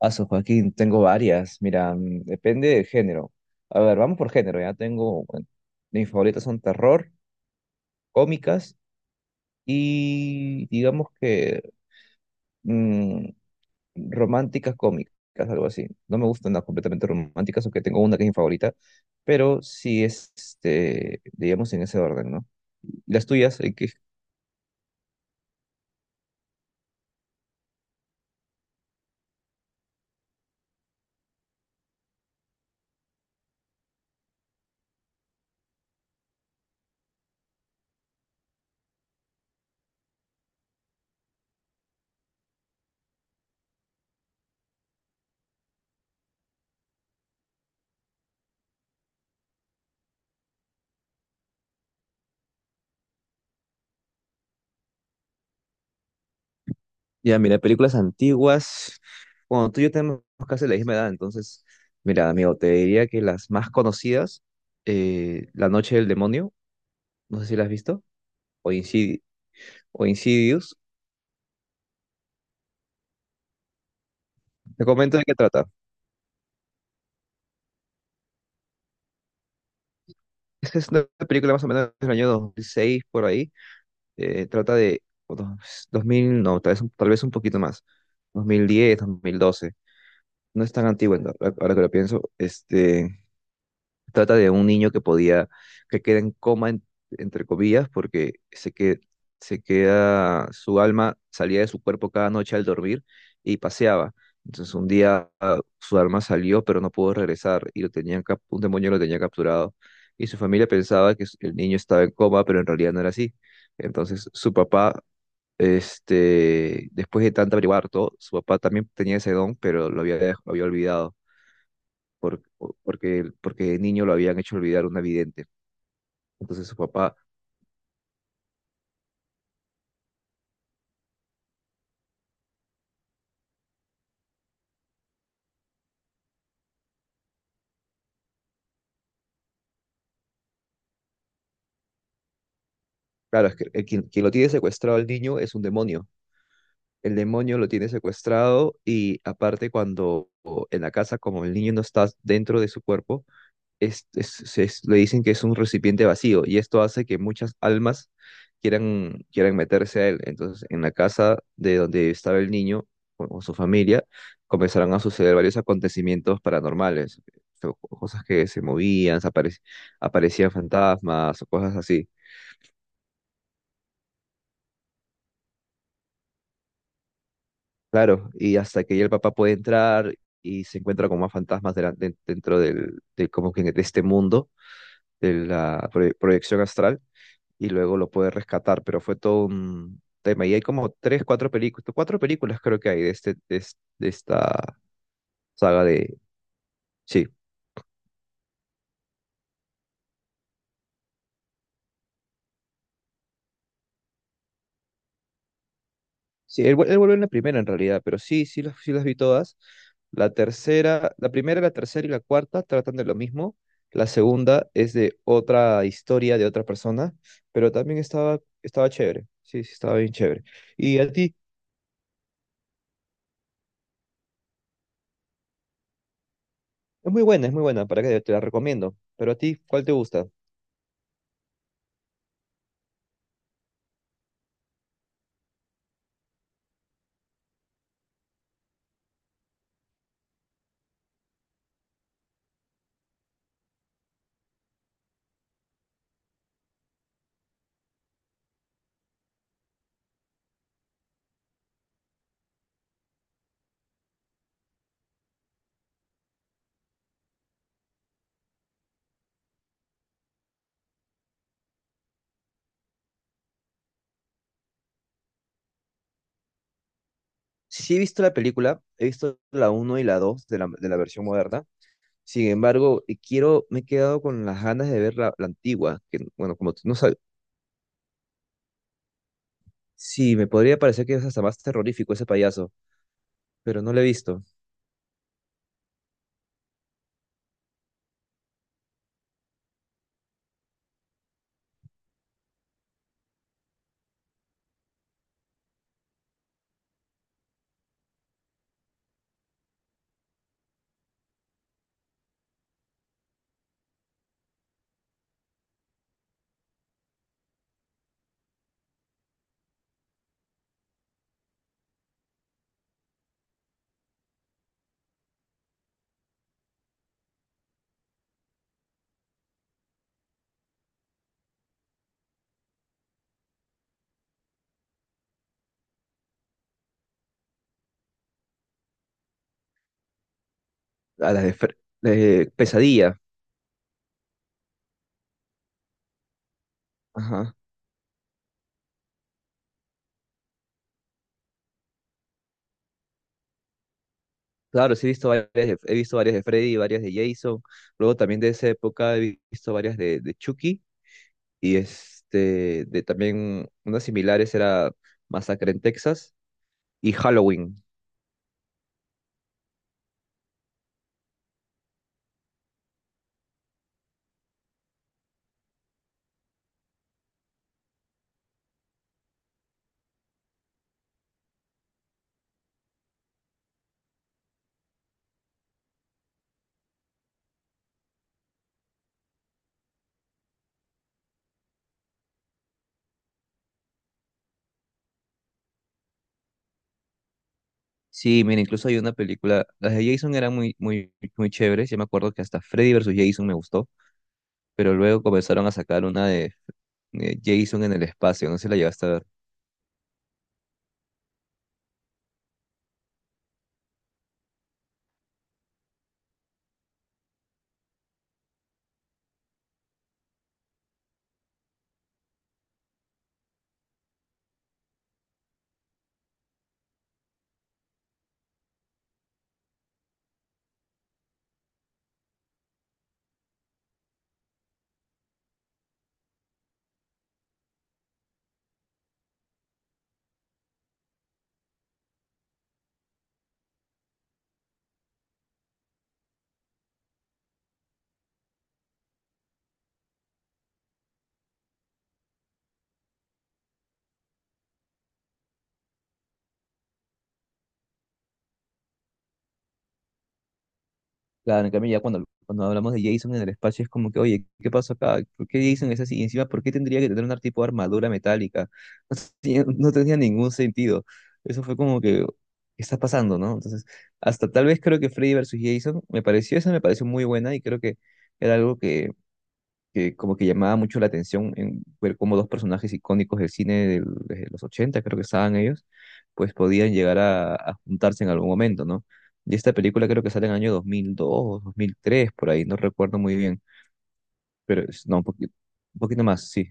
Aso, Joaquín, tengo varias. Mira, depende del género. A ver, vamos por género. Ya tengo, bueno, mis favoritas son terror, cómicas y digamos que mm, románticas cómicas, algo así. No me gustan las completamente románticas, aunque tengo una que es mi favorita, pero sí es, este, digamos, en ese orden, ¿no? ¿Y las tuyas? ¿En qué? Ya, mira, películas antiguas. Bueno, tú y yo tenemos casi la misma edad, entonces, mira, amigo, te diría que las más conocidas, La Noche del Demonio, no sé si la has visto, o o Insidious. Te comento de qué trata. Esta es una película más o menos del año 2006 por ahí. Trata de 2000, no, tal vez, tal vez un poquito más, 2010, dos mil doce. No es tan antigua, ahora que lo pienso. Este, trata de un niño que que queda en coma, entre comillas, porque se queda, su alma salía de su cuerpo cada noche al dormir y paseaba. Entonces un día ah, su alma salió, pero no pudo regresar y lo un demonio lo tenía capturado. Y su familia pensaba que el niño estaba en coma, pero en realidad no era así. Entonces su papá, este, después de tanto averiguar todo, su papá también tenía ese don, pero lo lo había olvidado por- porque, porque de niño lo habían hecho olvidar una vidente. Entonces su papá, claro, es que quien lo tiene secuestrado al niño es un demonio. El demonio lo tiene secuestrado y aparte cuando en la casa, como el niño no está dentro de su cuerpo, le dicen que es un recipiente vacío y esto hace que muchas almas quieran meterse a él. Entonces, en la casa de donde estaba el niño o su familia, comenzaron a suceder varios acontecimientos paranormales, cosas que se movían, aparecían fantasmas o cosas así. Claro, y hasta que ya el papá puede entrar y se encuentra con más fantasmas dentro del, de, como que de este mundo, de la proyección astral y luego lo pude rescatar, pero fue todo un tema. Y hay como tres, cuatro películas creo que hay de, este, de esta saga de... Sí, él vuelve en la primera en realidad, pero sí, sí las vi todas. La tercera, la primera, la tercera y la cuarta tratan de lo mismo. La segunda es de otra historia de otra persona, pero también estaba chévere. Sí, sí, estaba bien chévere. Y a ti, es muy buena, para que te la recomiendo. Pero a ti, ¿cuál te gusta? Sí he visto la película, he visto la uno y la 2 de de la versión moderna. Sin embargo, me he quedado con las ganas de ver la antigua, que bueno, como tú no sabes, sí, me podría parecer que es hasta más terrorífico ese payaso, pero no lo he visto. A las de, de Pesadilla, ajá. Claro, sí he visto varias, he visto varias de Freddy, varias de Jason. Luego también de esa época he visto varias de Chucky y este, de también unas similares era Masacre en Texas y Halloween. Sí, mira, incluso hay una película, las de Jason eran muy, muy, muy chéveres, yo me acuerdo que hasta Freddy versus Jason me gustó, pero luego comenzaron a sacar una de Jason en el espacio, no sé si la llegaste a ver. Claro, en cambio ya cuando hablamos de Jason en el espacio es como que, oye, ¿qué pasó acá? ¿Por qué Jason es así? Y encima, ¿por qué tendría que tener un tipo de armadura metálica? No no tenía ningún sentido. Eso fue como que, ¿qué está pasando, no? Entonces, hasta tal vez creo que Freddy versus Jason, esa me pareció muy buena y creo que era algo que como que llamaba mucho la atención en ver cómo dos personajes icónicos del cine de los 80 creo que estaban ellos, pues podían llegar a juntarse en algún momento, ¿no? Y esta película creo que sale en el año 2002, 2003 por ahí, no recuerdo muy bien, pero no, un poquito más, sí.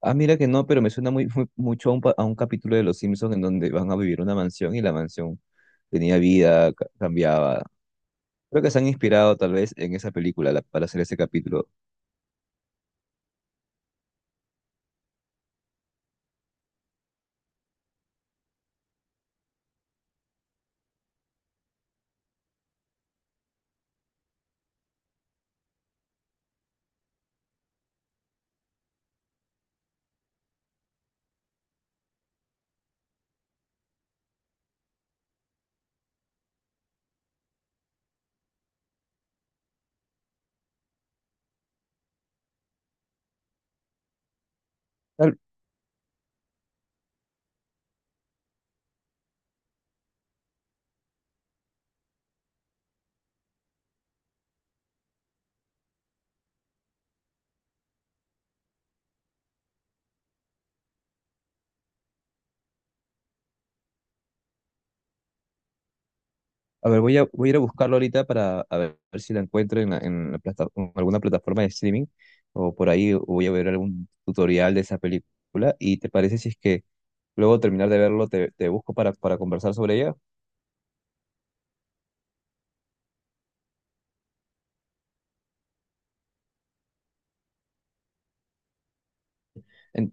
Ah, mira que no, pero me suena muy, mucho a un, a un capítulo de Los Simpsons en donde van a vivir una mansión y la mansión tenía vida, cambiaba. Creo que se han inspirado tal vez en esa película para hacer ese capítulo. Tal, a ver, voy a ir a buscarlo ahorita para a ver, ver si la encuentro en la plata- en alguna plataforma de streaming o por ahí voy a ver algún tutorial de esa película. ¿Y te parece si es que luego de terminar de verlo te busco para conversar sobre ella? En-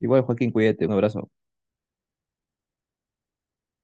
igual, Joaquín, cuídate, un abrazo.